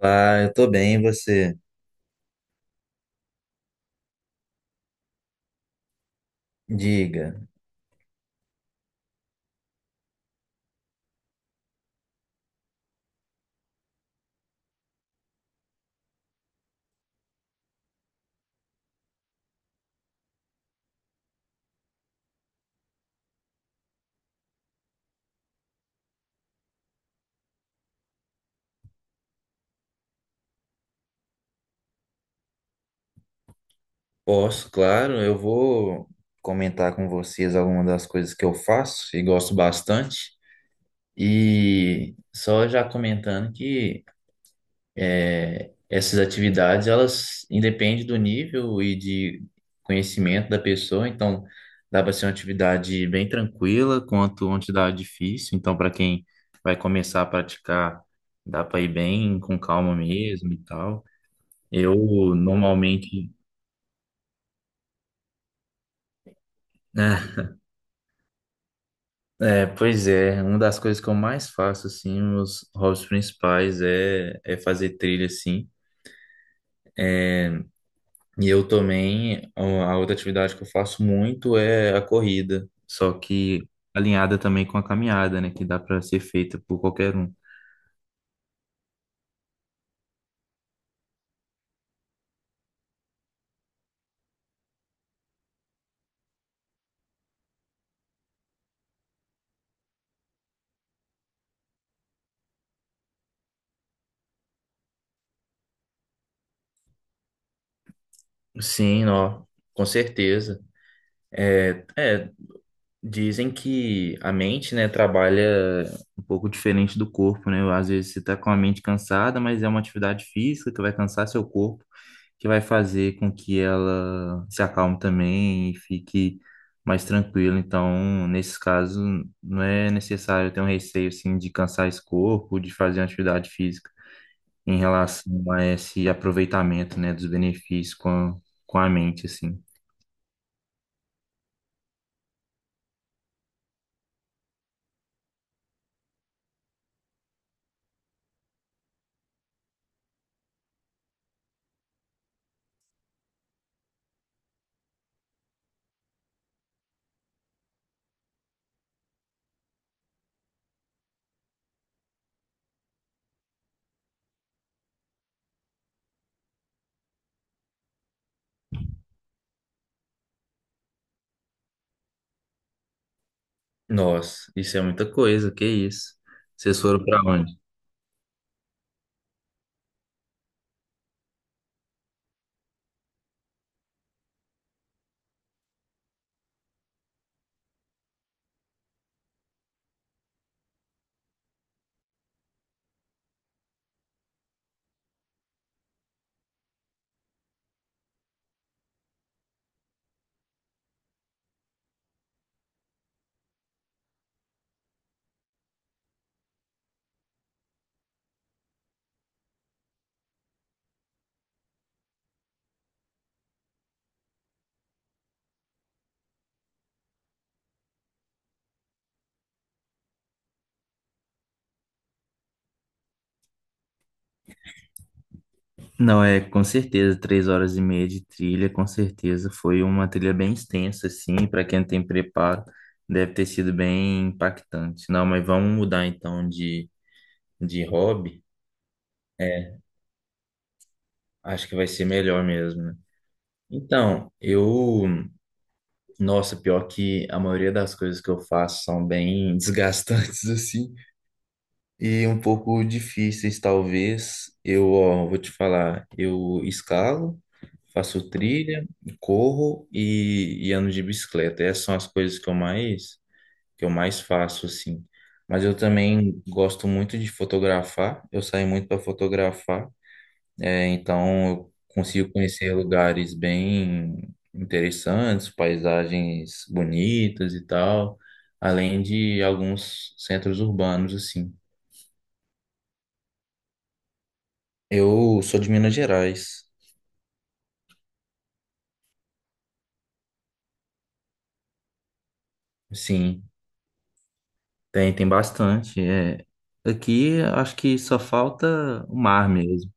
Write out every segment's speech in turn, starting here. Ah, eu tô bem, e você? Diga. Posso, claro, eu vou comentar com vocês algumas das coisas que eu faço e gosto bastante. E só já comentando que essas atividades, elas independem do nível e de conhecimento da pessoa, então dá para ser uma atividade bem tranquila quanto uma atividade difícil. Então, para quem vai começar a praticar, dá para ir bem com calma mesmo e tal. Eu normalmente. Pois é, uma das coisas que eu mais faço, assim, os hobbies principais é fazer trilha, assim. E eu também, a outra atividade que eu faço muito é a corrida, só que alinhada também com a caminhada, né, que dá para ser feita por qualquer um. Sim, ó, com certeza. É, é, Dizem que a mente, né, trabalha um pouco diferente do corpo, né? Às vezes você tá com a mente cansada, mas é uma atividade física que vai cansar seu corpo, que vai fazer com que ela se acalme também e fique mais tranquila. Então, nesses casos, não é necessário ter um receio, assim, de cansar esse corpo, de fazer uma atividade física em relação a esse aproveitamento, né, dos benefícios com com a mente, assim. Nossa, isso é muita coisa, que isso? Vocês foram para onde? Não, é com certeza, 3 horas e meia de trilha, com certeza. Foi uma trilha bem extensa, assim, para quem não tem preparo, deve ter sido bem impactante. Não, mas vamos mudar então de hobby. É, acho que vai ser melhor mesmo, né? Então, eu, nossa, pior que a maioria das coisas que eu faço são bem desgastantes, assim. E um pouco difíceis, talvez. Eu, ó, vou te falar, eu escalo, faço trilha, corro e ando de bicicleta. Essas são as coisas que eu mais faço, assim. Mas eu também gosto muito de fotografar, eu saio muito para fotografar, então eu consigo conhecer lugares bem interessantes, paisagens bonitas e tal, além de alguns centros urbanos, assim. Eu sou de Minas Gerais. Sim, tem bastante. É. Aqui acho que só falta o mar mesmo.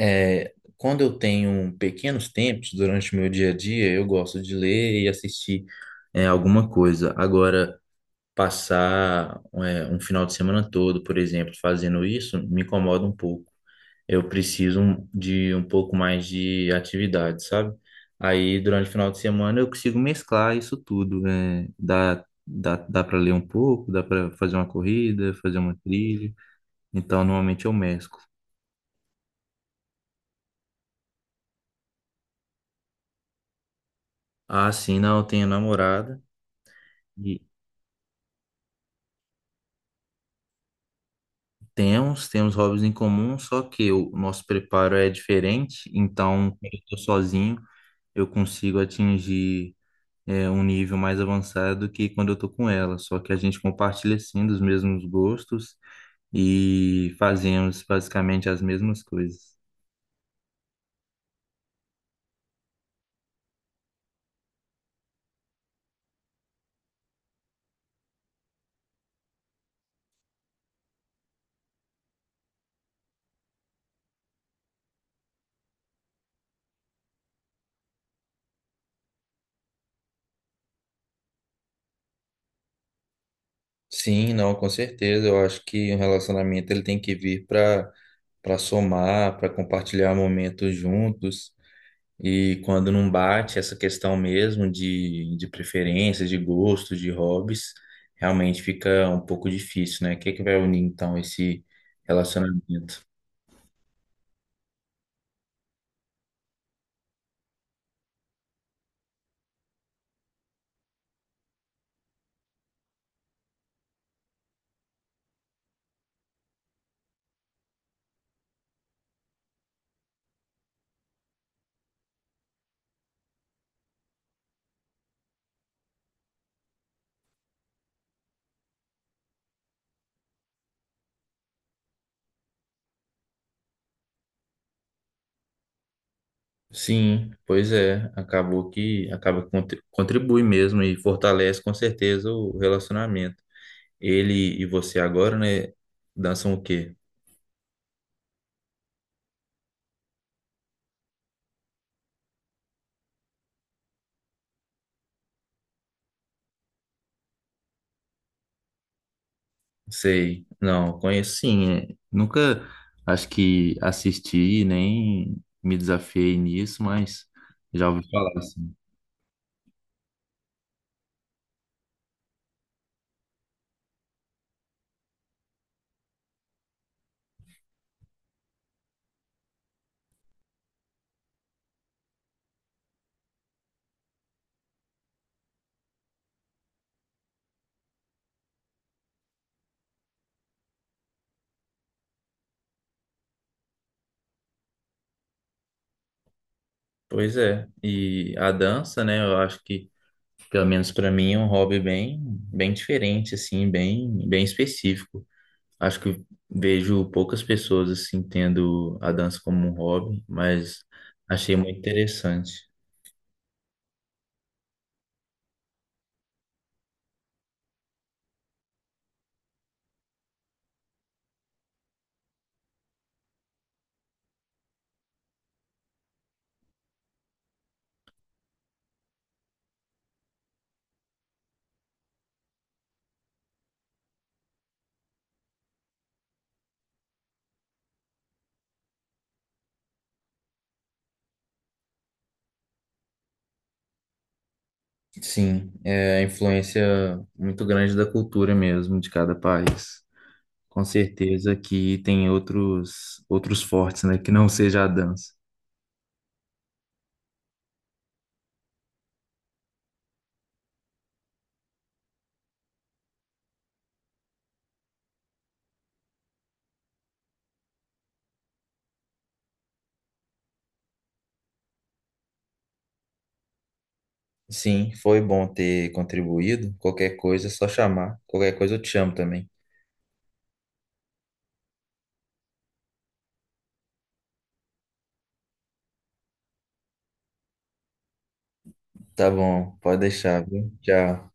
É, quando eu tenho pequenos tempos durante o meu dia a dia, eu gosto de ler e assistir alguma coisa. Agora, passar um final de semana todo, por exemplo, fazendo isso, me incomoda um pouco. Eu de um pouco mais de atividade, sabe? Aí, durante o final de semana, eu consigo mesclar isso tudo, né? Dá para ler um pouco, dá para fazer uma corrida, fazer uma trilha. Então, normalmente eu mesclo. Ah, sim, não, eu tenho namorada e temos hobbies em comum, só que o nosso preparo é diferente. Então, quando eu tô sozinho, eu consigo atingir um nível mais avançado que quando eu tô com ela. Só que a gente compartilha sim dos mesmos gostos e fazemos basicamente as mesmas coisas. Sim, não, com certeza. Eu acho que um relacionamento ele tem que vir para somar, para compartilhar momentos juntos. E quando não bate essa questão mesmo de preferências, de gostos, de hobbies, realmente fica um pouco difícil, né? O que que vai unir então esse relacionamento? Sim, pois é, acabou que acaba que contribui mesmo e fortalece com certeza o relacionamento. Ele e você agora, né, dançam o quê? Sei, não, conheço sim, é, nunca acho que assisti nem me desafiei nisso, mas já ouvi falar assim. Pois é, e a dança, né, eu acho que pelo menos para mim é um hobby bem bem diferente assim, bem bem específico. Acho que vejo poucas pessoas assim tendo a dança como um hobby, mas achei muito interessante. Sim, é a influência muito grande da cultura mesmo de cada país. Com certeza que tem outros outros fortes, né, que não seja a dança. Sim, foi bom ter contribuído. Qualquer coisa é só chamar. Qualquer coisa eu te chamo também. Tá bom, pode deixar, viu? Tchau.